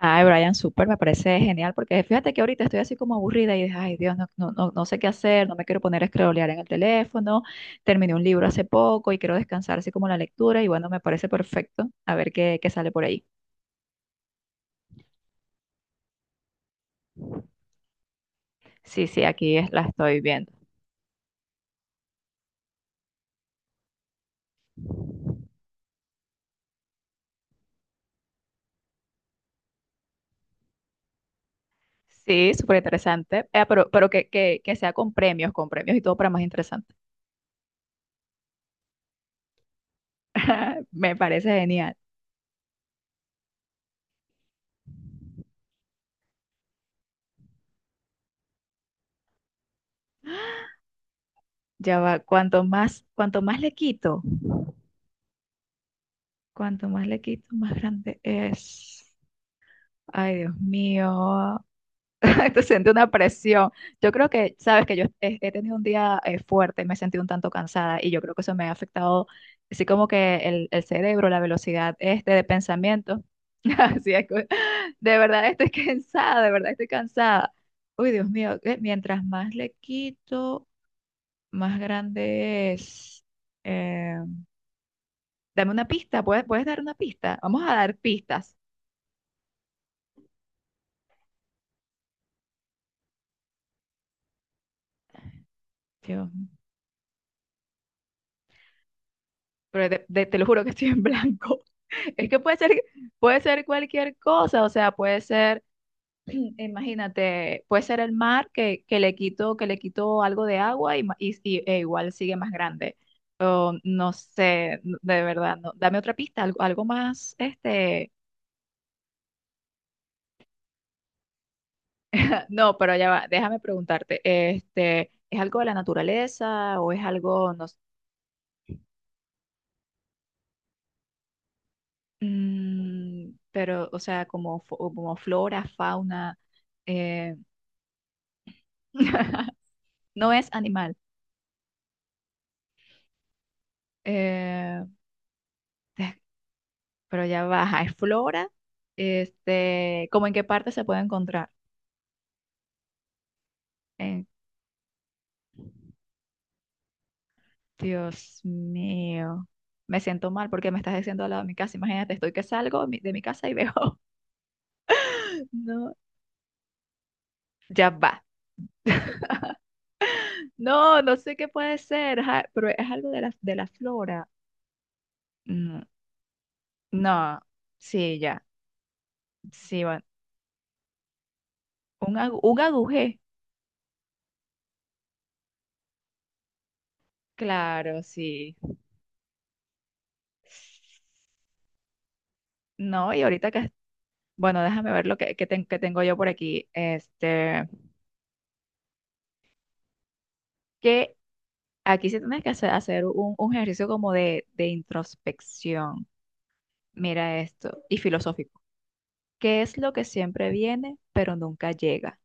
Ay, Brian, súper, me parece genial, porque fíjate que ahorita estoy así como aburrida y dije, ay Dios, no, no, no, no sé qué hacer, no me quiero poner a scrollear en el teléfono, terminé un libro hace poco y quiero descansar así como la lectura y bueno, me parece perfecto, a ver qué sale por ahí. Sí, sí, aquí la estoy viendo. Sí, súper interesante. Pero que sea con premios y todo para más interesante. Me parece genial. Ya va, cuanto más le quito, más grande es. Ay, Dios mío. Te siente una presión. Yo creo que, sabes que yo he tenido un día fuerte, me he sentido un tanto cansada y yo creo que eso me ha afectado, así como que el cerebro, la velocidad este de pensamiento. Así es, que, de verdad estoy cansada, de verdad estoy cansada. Uy, Dios mío, mientras más le quito, más grande es. Eh, dame una pista. Puedes dar una pista? Vamos a dar pistas. Dios, pero te lo juro que estoy en blanco. Es que puede ser cualquier cosa, o sea, puede ser, imagínate, puede ser el mar que le quito algo de agua y, e igual sigue más grande. O no sé, de verdad, no. Dame otra pista, algo más, ah, no, pero ya va, déjame preguntarte, ¿es algo de la naturaleza o es algo, no sé, pero, o sea, como, como flora, fauna, eh, No es animal. eh, eh, pero ya baja. Es flora. ¿Cómo en qué parte se puede encontrar? Eh, Dios mío. Me siento mal porque me estás diciendo al lado de mi casa. Imagínate, estoy que salgo de mi casa y veo. No, ya va. No, no sé qué puede ser, ajá, pero es algo de la flora. Mm, no, sí, ya. Sí, bueno. Un agujé. Claro, sí. No, y ahorita que. Bueno, déjame ver lo que, que tengo yo por aquí. Que aquí sí tienes que hacer un ejercicio como de introspección. Mira esto, y filosófico. ¿Qué es lo que siempre viene, pero nunca llega?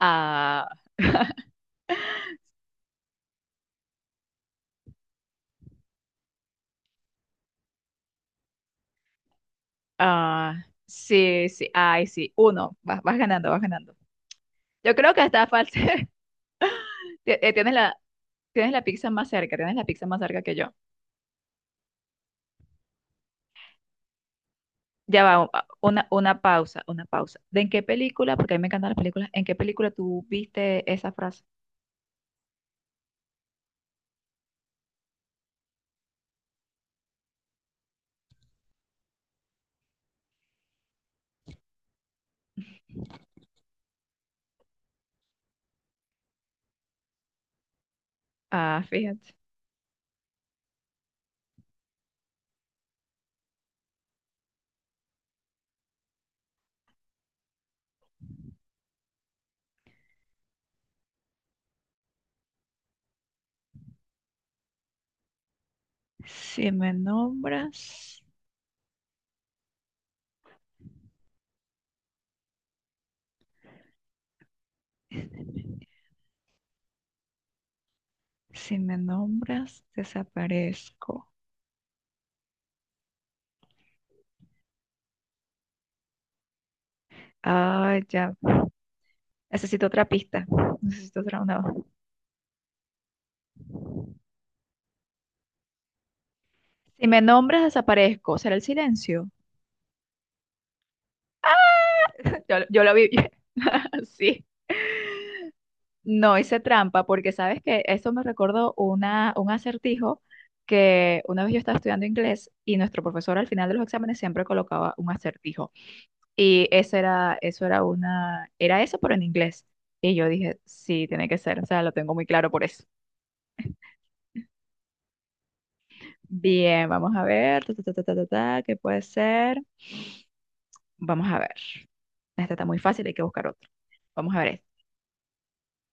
Ah, ah, sí, sí, ay, sí. Uno, vas ganando, vas ganando. Yo creo que está falso. Ti- eh, Tienes la, tienes la pizza más cerca, tienes la pizza más cerca que yo. Ya va, una pausa, una pausa. ¿De en qué película? Porque a mí me encantan las películas. ¿En qué película tú viste esa frase? Ah, fíjate. Si me nombras, si me nombras, desaparezco. Ah, ya. Necesito otra pista. Necesito otra una. Si me nombras, desaparezco. ¿Será el silencio? Yo lo viví. Sí. No hice trampa porque sabes que eso me recordó un acertijo que una vez yo estaba estudiando inglés y nuestro profesor al final de los exámenes siempre colocaba un acertijo. Y era eso, pero en inglés. Y yo dije, sí, tiene que ser, o sea, lo tengo muy claro por eso. Bien, vamos a ver, ta, ta, ta, ta, ta, ta, ta, ¿qué puede ser? Vamos a ver. Esta está muy fácil, hay que buscar otro. Vamos a ver esta.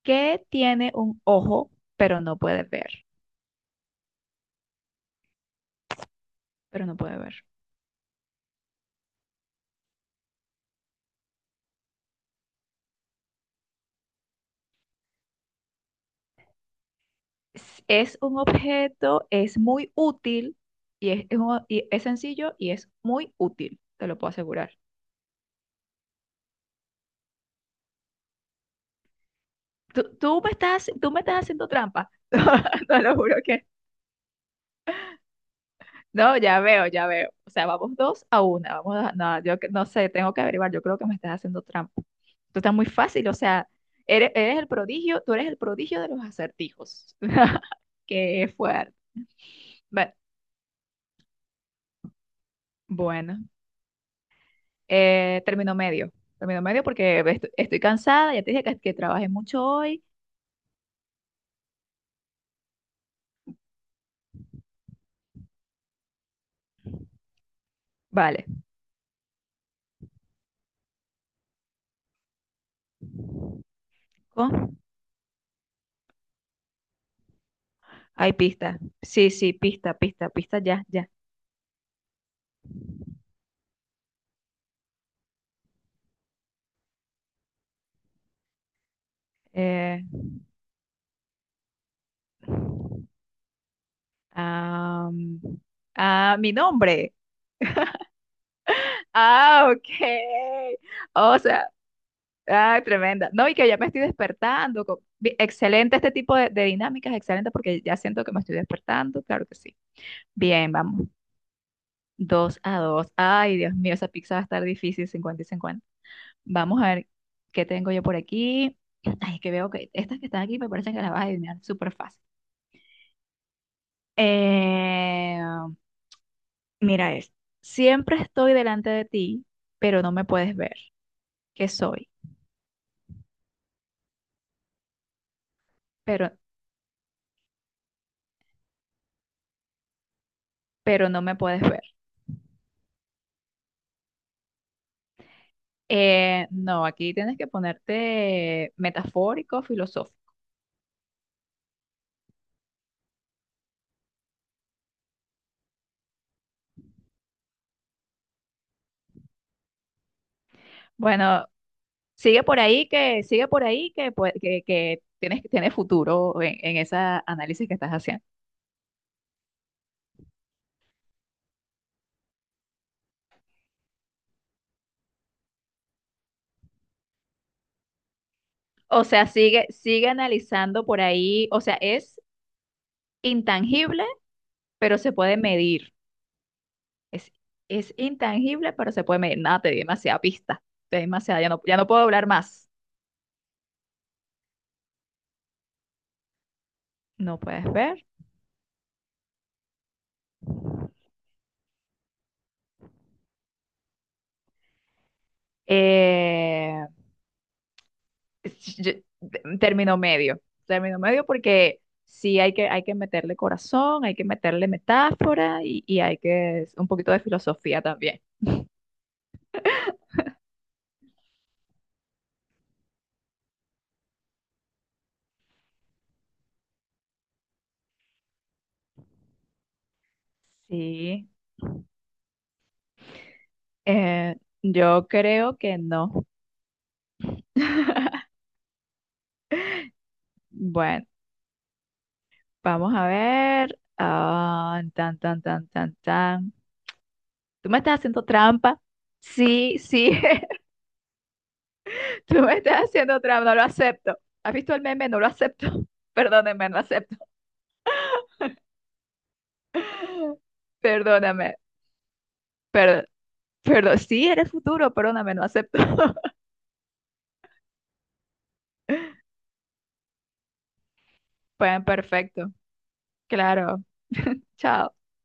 ¿Qué tiene un ojo, pero no puede ver? Pero no puede ver. Es un objeto, es muy útil y es sencillo y es muy útil, te lo puedo asegurar. Tú me estás haciendo trampa. No, lo juro que no. Ya veo, ya veo. O sea, vamos dos a una. No, yo no sé, tengo que averiguar. Yo creo que me estás haciendo trampa. Tú estás muy fácil, o sea, eres el prodigio, tú eres el prodigio de los acertijos. Qué fuerte. Bueno, bueno. Término medio. Término medio porque estoy, cansada, ya te dije que trabajé mucho hoy. Vale. ¿Con? Hay pista. Sí, sí, pista, pista, pista, ya, ya. Eh, am, ah, mi nombre. Ah, ok. O sea, ah, tremenda. No, y que ya me estoy despertando. Excelente este tipo de dinámicas, excelente porque ya siento que me estoy despertando, claro que sí. Bien, vamos. 2-2. Ay, Dios mío, esa pizza va a estar difícil, 50 y 50. Vamos a ver qué tengo yo por aquí. Ay, que veo que estas que están aquí me parecen que las vas a adivinar súper fácil. Eh, mira esto. Siempre estoy delante de ti, pero no me puedes ver. ¿Qué soy? Pero, pero no me puedes ver. No, aquí tienes que ponerte metafórico, filosófico. Bueno, sigue por ahí que, tienes futuro en ese análisis que estás haciendo. O sea, sigue analizando por ahí. O sea, es intangible, pero se puede medir. Es, es intangible, pero se puede medir. Nada, te di demasiada pista. Te di demasiada, ya no puedo hablar más. No puedes ver. Eh, es- yo- término medio, término medio porque sí hay que meterle corazón, hay que meterle metáfora y hay que un poquito de filosofía también. Sí, eh, yo creo que no. Bueno, vamos a ver. Ah, tan, tan, tan, tan, tan. ¿Tú me estás haciendo trampa? Sí, sí, tú me estás haciendo trampa, no lo acepto. ¿Has visto el meme? No lo acepto. Perdóname, no lo acepto. Perdóname. Perdón. Pero sí, eres futuro, perdóname, no acepto. Pues perfecto, claro. Chao.